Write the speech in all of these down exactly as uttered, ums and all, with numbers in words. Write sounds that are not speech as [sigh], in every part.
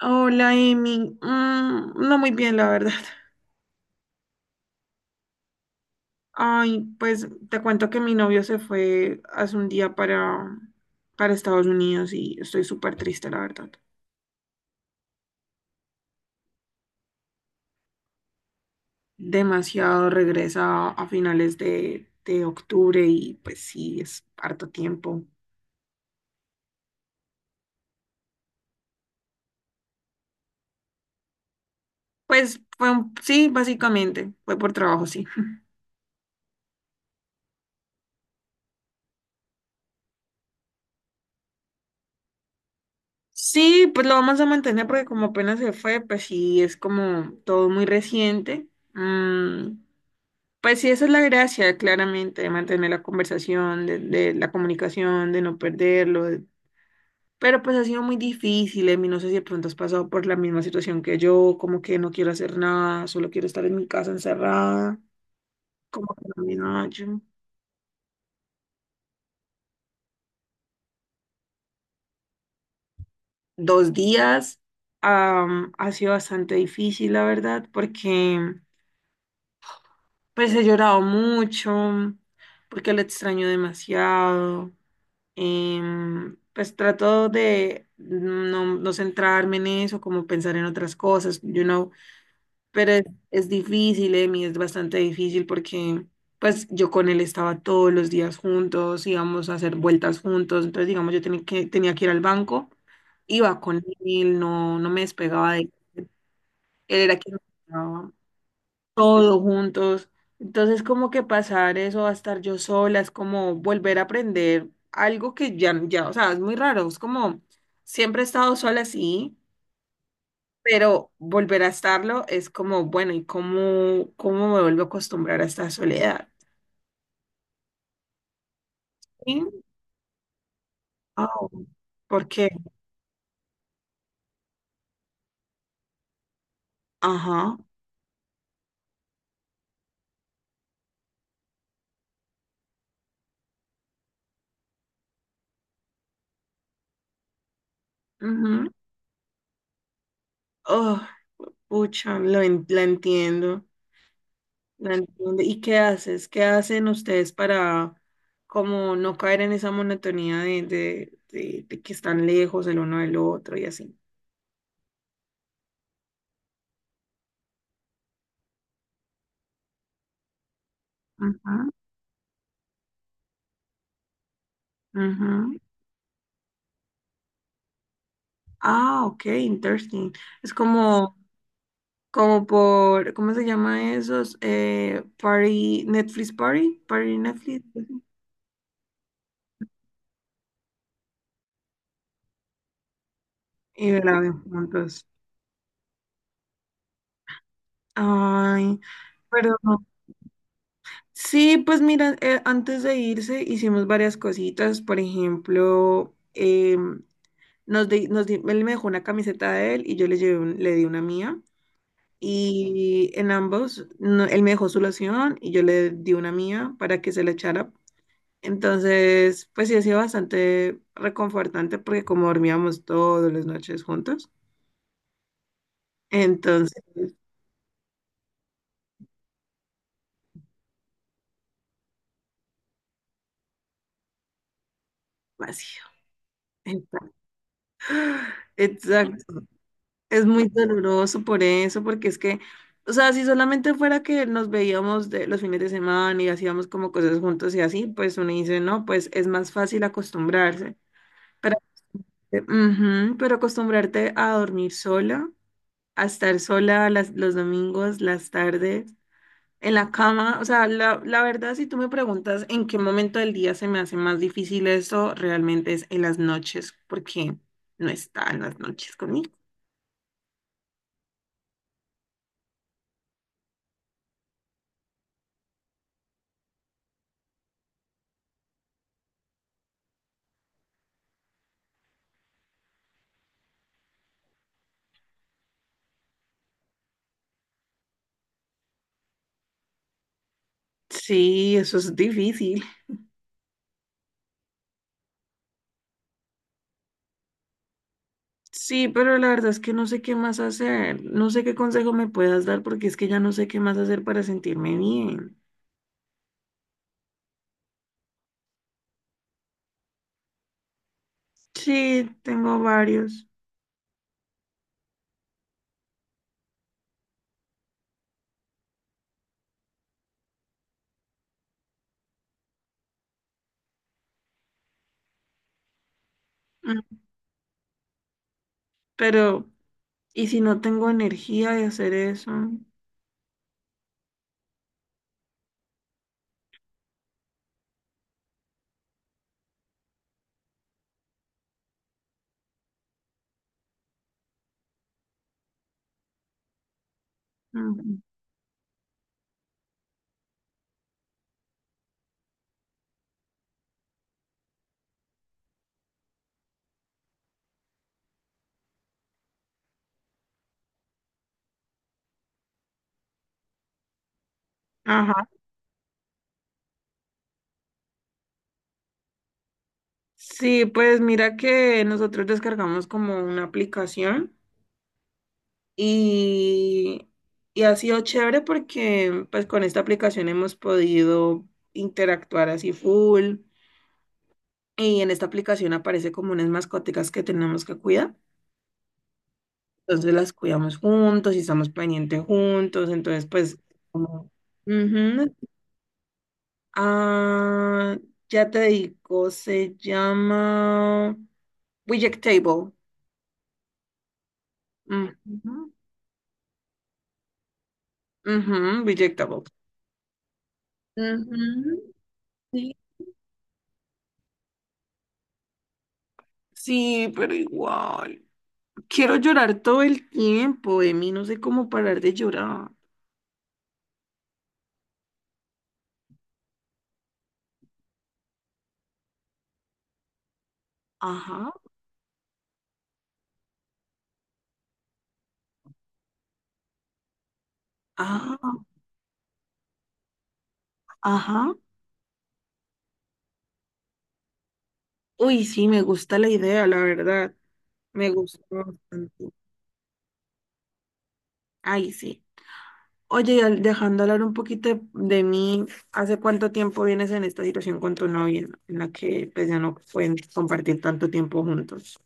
Hola, Emi. Mm, no muy bien, la verdad. [laughs] Ay, pues te cuento que mi novio se fue hace un día para, para Estados Unidos y estoy súper triste, la verdad. Demasiado regresa a finales de, de octubre y pues sí, es harto tiempo. Pues fue, un- sí, básicamente, fue por trabajo, sí. [laughs] Sí, pues lo vamos a mantener porque como apenas se fue, pues sí, es como todo muy reciente. Mm, pues sí, esa es la gracia, claramente, de mantener la conversación, de, de la comunicación, de no perderlo. de- Pero pues ha sido muy difícil, Emi. No sé si de pronto has pasado por la misma situación que yo, como que no quiero hacer nada, solo quiero estar en mi casa encerrada, como que no me hallo. Dos días, am, ha sido bastante difícil, la verdad, porque pues he llorado mucho, porque lo extraño demasiado. Em, pues trato de no, no centrarme en eso, como pensar en otras cosas, you know, pero es, es difícil, Emi, es bastante difícil porque pues yo con él estaba todos los días juntos, íbamos a hacer vueltas juntos, entonces digamos yo tenía que, tenía que ir al banco, iba con él, no, no me despegaba de él, él era quien me llevaba todos juntos. Entonces, como que pasar eso a estar yo sola, es como volver a aprender algo que ya, ya, o sea, es muy raro, es como, siempre he estado sola, sí, pero volver a estarlo es como, bueno, ¿y cómo, cómo me vuelvo a acostumbrar a esta soledad? ¿Sí? Oh, ¿por qué? Ajá. Ujú. Oh, pucha, lo en- la entiendo. No entiendo. ¿Y qué haces? ¿Qué hacen ustedes para como no caer en esa monotonía de, de, de- de que están lejos el uno del otro y así? Ujú, ujú. Ah, ok, interesting. Es como, como por, ¿cómo se llama esos? Eh, party, Netflix Party, Party Netflix. Y la ven juntos. Ay, perdón. Sí, pues mira, eh, antes de irse hicimos varias cositas, por ejemplo, em, Nos di- nos di- él me dejó una camiseta de él y yo le llevé un- le di una mía. Y en ambos, no- él me dejó su loción y yo le di una mía para que se la echara. Entonces, pues sí ha sido bastante reconfortante porque como dormíamos todas las noches juntos, entonces, vacío. Exacto. Es muy doloroso por eso, porque es que, o sea, si solamente fuera que nos veíamos de los fines de semana y hacíamos como cosas juntos y así, pues uno dice, no, pues es más fácil acostumbrarse. Pero, ujú, pero acostumbrarte a dormir sola, a estar sola las- los domingos, las tardes, en la cama, o sea, la, la verdad, si tú me preguntas en qué momento del día se me hace más difícil eso, realmente es en las noches, porque no está en las noches conmigo. Sí, eso es difícil. Sí, pero la verdad es que no sé qué más hacer. No sé qué consejo me puedas dar porque es que ya no sé qué más hacer para sentirme bien. Sí, tengo varios. Mm, pero, ¿y si no tengo energía de hacer eso? Mm. Ajá. Sí, pues mira que nosotros descargamos como una aplicación y, y ha sido chévere porque pues con esta aplicación hemos podido interactuar así full. Y en esta aplicación aparece como unas mascóticas que tenemos que cuidar. Entonces las cuidamos juntos y estamos pendientes juntos. Entonces, pues, como... Ujú. Ah, ya te digo, se llama Rejectable. Ujú, ujú, Rejectable. Ujú, sí, sí, pero igual. Quiero llorar todo el tiempo, de mí no sé cómo parar de llorar. Ajá, ajá, ajá. Uy, sí, me gusta la idea, la verdad. Me gusta bastante. Ay, sí. Oye, y al- dejando hablar un poquito de, de mí, ¿hace cuánto tiempo vienes en esta situación con tu novia en la que pues, ya no pueden compartir tanto tiempo juntos?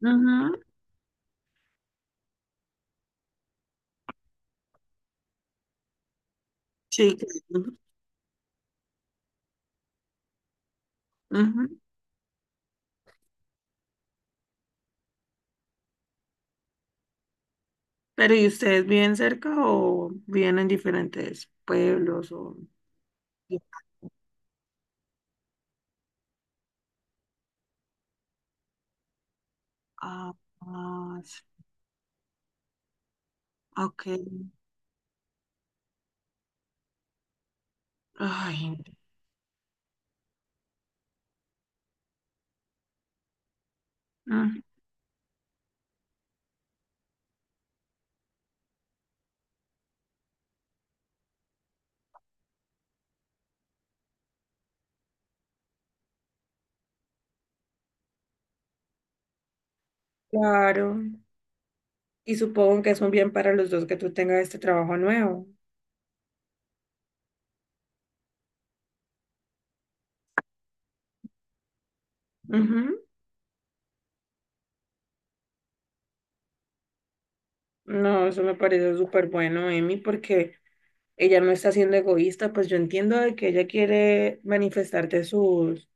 Ujú, sí, claro. Ujú. Pero ¿y ustedes viven cerca o viven en diferentes pueblos o... Ah, ah, ok. Ay, mm, claro. Y supongo que es un bien para los dos que tú tengas este trabajo nuevo. Ujú. No, eso me parece súper bueno, Emi, porque ella no está siendo egoísta, pues yo entiendo de que ella quiere manifestarte sus,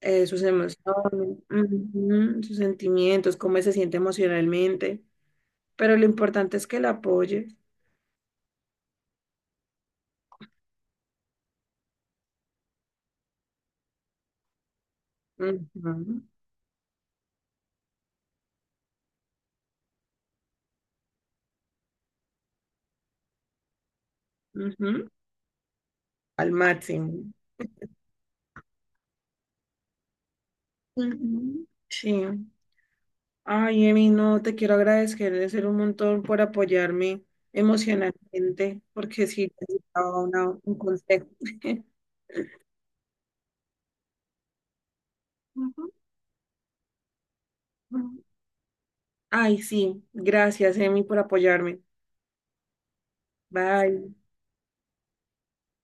eh, sus emociones, ujú, sus sentimientos, cómo se siente emocionalmente, pero lo importante es que la apoyes ujú, ujú, al máximo. Ujú. Sí. Ay, Emi, no, te quiero agradecer un montón por apoyarme emocionalmente, porque sí necesitaba una- un consejo. [laughs] Ay, sí, gracias, Emi, por apoyarme. Bye.